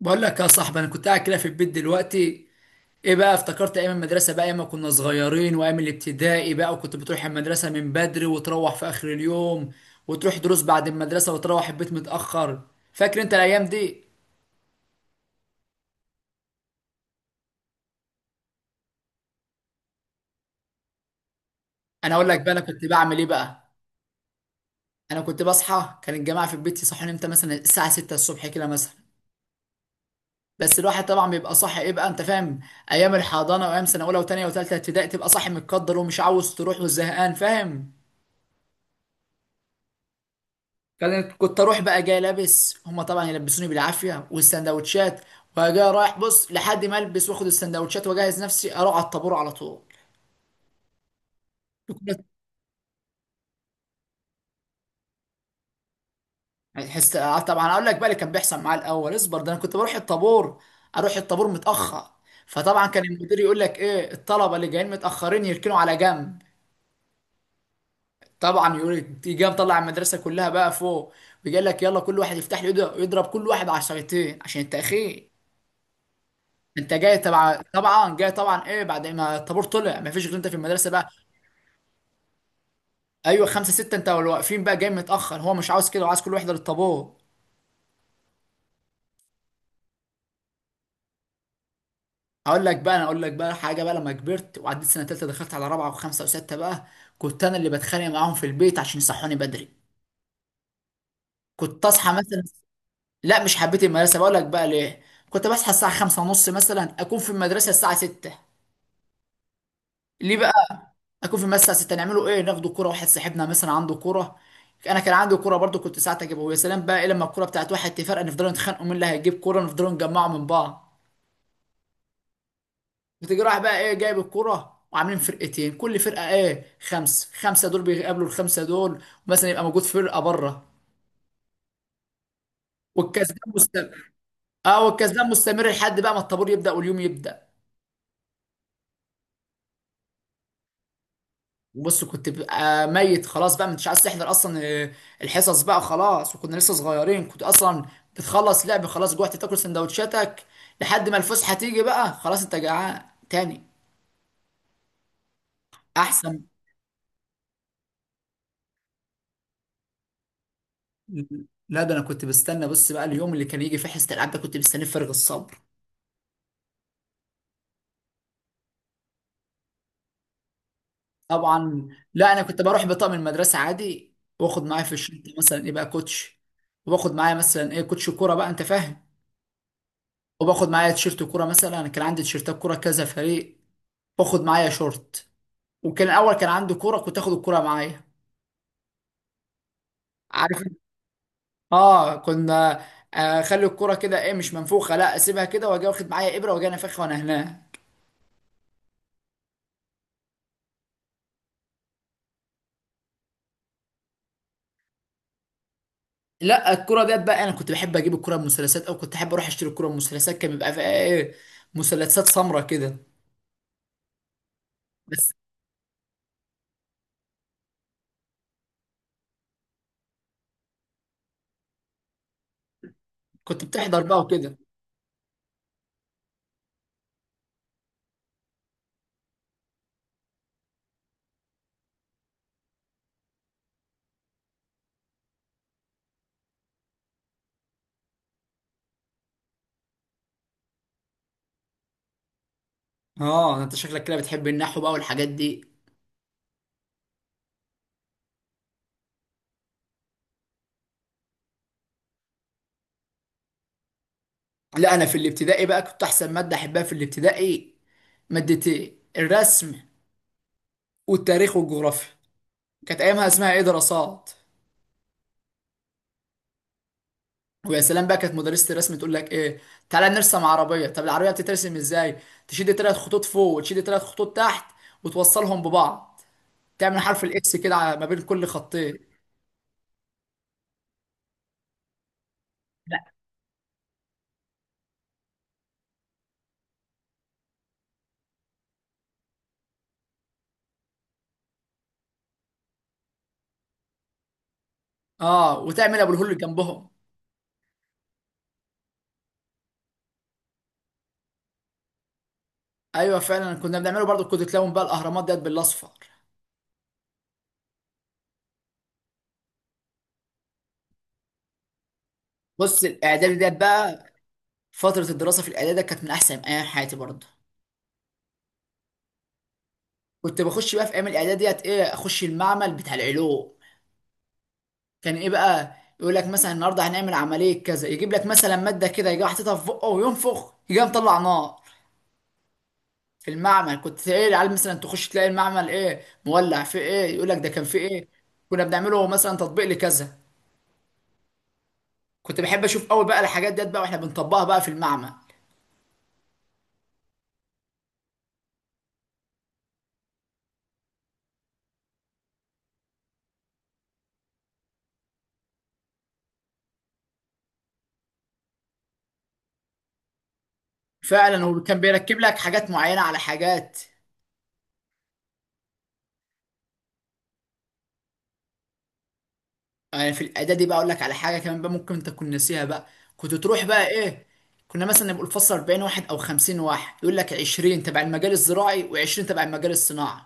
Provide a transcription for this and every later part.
بقول لك يا صاحبي، انا كنت قاعد كده في البيت دلوقتي. ايه بقى؟ افتكرت ايام المدرسه بقى، ايام ما كنا صغيرين وايام الابتدائي بقى، وكنت بتروح المدرسه من بدري وتروح في اخر اليوم، وتروح دروس بعد المدرسه وتروح البيت متاخر. فاكر انت الايام دي؟ انا اقول لك بقى انا كنت بعمل ايه بقى. انا كنت بصحى، كان الجماعه في البيت يصحوني امتى؟ مثلا الساعه 6 الصبح كده مثلا. بس الواحد طبعا بيبقى صاحي، ايه بقى؟ انت فاهم. ايام الحضانه وايام سنه اولى وثانيه وثالثه ابتدائي، تبقى صاحي متقدر ومش عاوز تروح وزهقان، فاهم. كنت اروح بقى جاي لابس، هما طبعا يلبسوني بالعافيه والسندوتشات، وجاي رايح بص لحد ما البس واخد السندوتشات واجهز نفسي اروح على الطابور على طول. كنت- حس آه، طبعا اقول لك بقى اللي كان بيحصل معايا الاول، اصبر. ده انا كنت بروح الطابور، اروح الطابور متاخر. فطبعا كان المدير يقول لك ايه؟ الطلبه اللي جايين متاخرين يركنوا على جنب. طبعا يقول تيجي، مطلع المدرسه كلها بقى فوق، ويقول لك يلا كل واحد يفتح له ايده، يضرب كل واحد عصايتين عشان التاخير. انت جاي تبع، طبعا جاي طبعا، ايه بعد ما الطابور طلع؟ ما فيش غير انت في المدرسه بقى. ايوه خمسه سته انت واللي واقفين بقى جاي متاخر، هو مش عاوز كده، وعاوز كل واحده للطابور. اقول لك بقى، انا اقول لك بقى حاجه بقى. لما كبرت وعديت سنه تالته دخلت على رابعه وخمسه وسته بقى، كنت انا اللي بتخانق معاهم في البيت عشان يصحوني بدري. كنت اصحى مثلا. لا، مش حبيت المدرسه، بقول لك بقى ليه. كنت بصحى الساعه خمسة ونص، مثلا اكون في المدرسه الساعه سته. ليه بقى؟ اكون في المسا ستة، نعمله ايه؟ ناخده كوره. واحد صاحبنا مثلا عنده كوره، انا كان عندي كوره برضو، كنت ساعات اجيبها. ويا سلام بقى ايه لما الكوره بتاعت واحد تفرقع، نفضلوا نتخانقوا مين اللي هيجيب كوره، نفضلوا نجمعوا من بعض. بتيجي رايح بقى ايه جايب الكوره، وعاملين فرقتين، كل فرقه ايه، خمسه خمسه، دول بيقابلوا الخمسه دول، ومثلا يبقى موجود فرقه بره، والكسبان مستمر. اه، والكسبان مستمر لحد بقى ما الطابور يبدا واليوم يبدا. وبص كنت ببقى ميت خلاص بقى، مش عايز تحضر اصلا الحصص بقى خلاص، وكنا لسه صغيرين. كنت اصلا بتخلص لعب خلاص، جوعت تاكل سندوتشاتك، لحد ما الفسحه تيجي بقى خلاص انت جعان تاني. احسن. لا ده انا كنت بستنى. بص بقى، اليوم اللي كان يجي فيه حصه الالعاب ده كنت مستنيه بفارغ الصبر. طبعا. لا انا كنت بروح بطقم المدرسه عادي، واخد معايا في الشنطه مثلا ايه بقى، كوتش. وباخد معايا مثلا ايه، كوتش كوره بقى، انت فاهم. وباخد معايا تيشيرت كوره، مثلا انا كان عندي تيشيرتات كوره كذا فريق. باخد معايا شورت. وكان الاول كان عندي كوره، كنت اخد الكوره معايا. عارف إنت؟ اه كنا اخلي الكوره كده ايه مش منفوخه، لا اسيبها كده واجي واخد معايا ابره واجي انفخها وانا هنا. لا الكوره ديت بقى، انا كنت بحب اجيب الكوره بمثلثات، او كنت احب اروح اشتري الكوره بمثلثات، كان بيبقى فيها ايه، مثلثات سمراء كده. بس كنت بتحضر بقى وكده. اه انت شكلك كده بتحب النحو بقى والحاجات دي. لا انا في الابتدائي بقى، كنت احسن ماده احبها في الابتدائي، مادتين، الرسم، والتاريخ والجغرافيا، كانت ايامها اسمها ايه، دراسات. ويا سلام بقى كانت مدرسه الرسم تقول لك ايه، تعالى نرسم عربيه. طب العربيه بتترسم ازاي؟ تشد ثلاث خطوط فوق وتشد ثلاث خطوط تحت، وتوصلهم ببعض، تعمل حرف الاكس كده ما بين كل خطين. لا. اه، وتعمل ابو الهول جنبهم. ايوه فعلا كنا بنعمله برضو، كنت تلون بقى الاهرامات ديت بالاصفر. بص الاعدادي ديت بقى، فتره الدراسه في الاعدادي ديت كانت من احسن ايام حياتي برضو. كنت بخش بقى في ايام الاعدادي ديت ايه، اخش المعمل بتاع العلوم. كان ايه بقى يقول لك مثلا، النهارده هنعمل عمليه كذا، يجيب لك مثلا ماده كده، يجي حاططها في بقه وينفخ يجي مطلع نار. في المعمل كنت تلاقي العيال مثلا تخش تلاقي المعمل ايه مولع في ايه، يقول لك ده كان في ايه، كنا بنعمله مثلا تطبيق لكذا. كنت بحب اشوف قوي بقى الحاجات ديت بقى واحنا بنطبقها بقى في المعمل. فعلا، وكان بيركب لك حاجات معينه على حاجات. يعني في الاعدادي بقى اقول لك على حاجه كمان بقى ممكن انت تكون ناسيها بقى، كنت تروح بقى ايه، كنا مثلا نبقى الفصل 40 واحد او 50 واحد، يقول لك 20 تبع المجال الزراعي و20 تبع المجال الصناعي.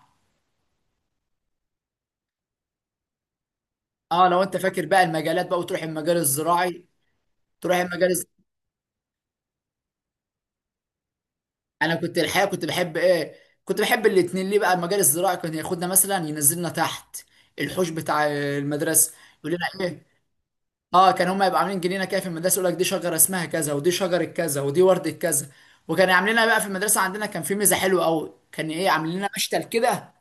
اه لو انت فاكر بقى المجالات بقى، وتروح المجال الزراعي، تروح انا كنت الحقيقه كنت بحب ايه، كنت بحب الاتنين. ليه بقى؟ المجال الزراعي كان ياخدنا مثلا ينزلنا تحت الحوش بتاع المدرسه، يقول لنا ايه، اه كان هما يبقوا عاملين جنينه كده في المدرسه، يقول لك دي شجره اسمها كذا ودي شجره كذا ودي ورده كذا. وكان عاملينها بقى في المدرسه عندنا، كان في ميزه حلوه قوي، كان ايه، عاملين لنا مشتل كده،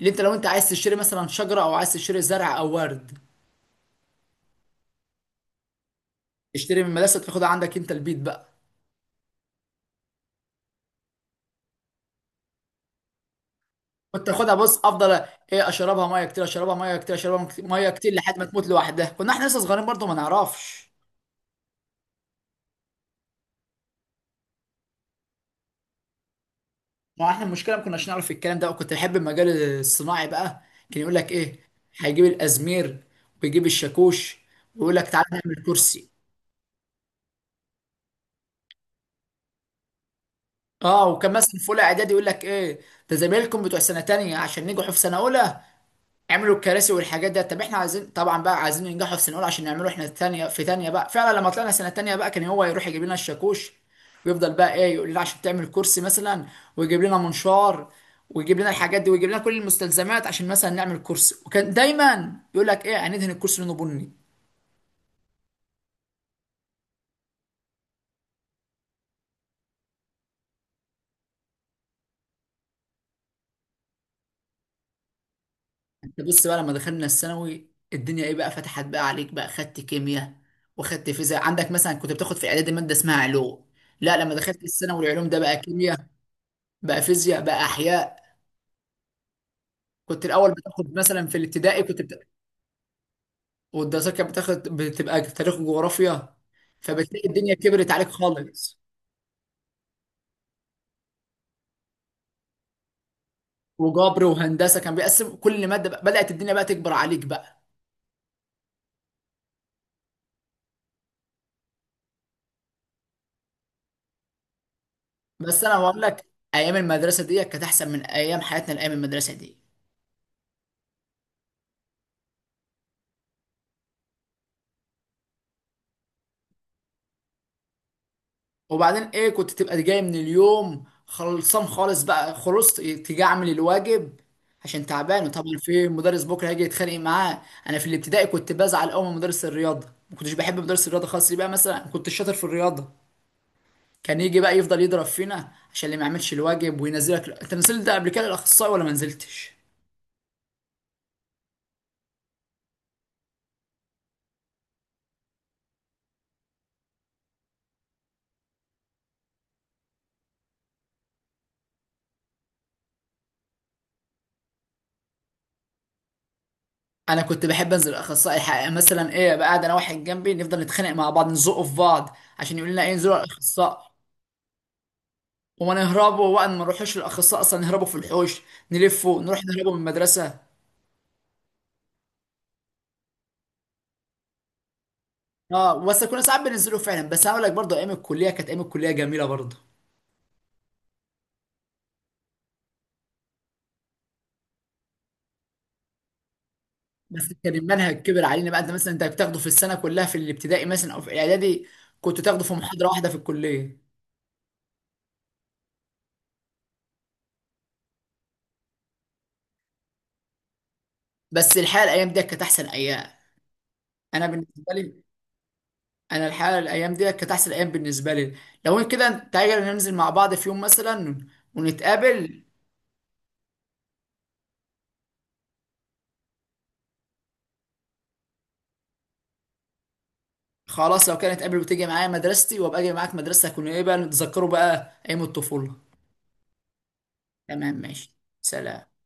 اللي انت لو انت عايز تشتري مثلا شجره او عايز تشتري زرع او ورد، تشتري من المدرسه تاخدها عندك انت البيت بقى. كنت تاخدها، بص افضل ايه، اشربها ميه كتير اشربها ميه كتير اشربها ميه كتير لحد ما تموت لوحدها. كنا احنا لسه صغيرين برضه ما نعرفش. ما احنا المشكله ما كناش نعرف الكلام ده. وكنت بحب المجال الصناعي بقى، كان يقول لك ايه، هيجيب الازمير ويجيب الشاكوش، ويقول لك تعالى نعمل كرسي. اه، وكان مثلا في اولى اعدادي يقول لك ايه، ده زمايلكم بتوع سنه تانية عشان نجحوا في سنه اولى عملوا الكراسي والحاجات ده. طب احنا عايزين طبعا بقى عايزين ينجحوا في سنه اولى عشان نعمله احنا الثانيه في ثانيه بقى. فعلا لما طلعنا سنه ثانيه بقى كان هو يروح يجيب لنا الشاكوش، ويفضل بقى ايه يقول لنا عشان تعمل كرسي مثلا، ويجيب لنا منشار، ويجيب لنا الحاجات دي ويجيب لنا كل المستلزمات عشان مثلا نعمل كرسي. وكان دايما يقول لك ايه، هندهن الكرسي لونه بني. انت بص بقى لما دخلنا الثانوي، الدنيا ايه بقى، فتحت بقى عليك بقى، خدت كيمياء وخدت فيزياء. عندك مثلا كنت بتاخد في اعدادي ماده اسمها علوم، لا لما دخلت الثانوي العلوم ده بقى كيمياء بقى فيزياء بقى احياء. كنت الاول بتاخد مثلا في الابتدائي والدراسات كانت بتاخد بتبقى تاريخ وجغرافيا. فبتلاقي الدنيا كبرت عليك خالص، وجبر وهندسه، كان بيقسم كل ماده بقى. بدات الدنيا بقى تكبر عليك بقى. بس انا بقول لك، ايام المدرسه دي كانت احسن من ايام حياتنا الايام المدرسه دي. وبعدين ايه، كنت تبقى جاي من اليوم خلصان خالص بقى، خلصت تيجي اعمل الواجب عشان تعبان، وطبعا في مدرس بكره هيجي يتخانق معاه. انا في الابتدائي كنت بزعل قوي من مدرس الرياضه، ما كنتش بحب مدرس الرياضه خالص. ليه بقى؟ مثلا كنت شاطر في الرياضه، كان يجي بقى يفضل يضرب فينا عشان اللي ما يعملش الواجب. وينزلك، انت نزلت قبل كده الاخصائي ولا ما نزلتش؟ انا كنت بحب انزل الاخصائي الحقيقه، مثلا ايه بقى قاعد انا واحد جنبي نفضل نتخانق مع بعض، نزقه في بعض عشان يقول لنا ايه، انزلوا على الاخصائي. ونهربوا بقى ما نروحوش للاخصائي اصلا، نهربوا في الحوش، نلفوا نروح نهربوا من المدرسه. اه بس كنا ساعات بننزلوا فعلا. بس هقول لك برضه، ايام الكليه كانت ايام الكليه جميله برضه. بس كان المنهج كبر علينا بقى، انت مثلا انت بتاخده في السنه كلها في الابتدائي مثلا او في الاعدادي، كنت تاخده في محاضره واحده في الكليه. بس الحقيقه الايام دي كانت احسن ايام انا بالنسبه لي. انا الحقيقه الايام دي كانت احسن ايام بالنسبه لي. لو كده تعالى ننزل مع بعض في يوم مثلا ونتقابل. خلاص لو كانت قبل بتيجي معايا مدرستي وابقى اجي معاك مدرستك، ونبقى نتذكروا بقى ايام الطفولة. تمام ماشي. سلام.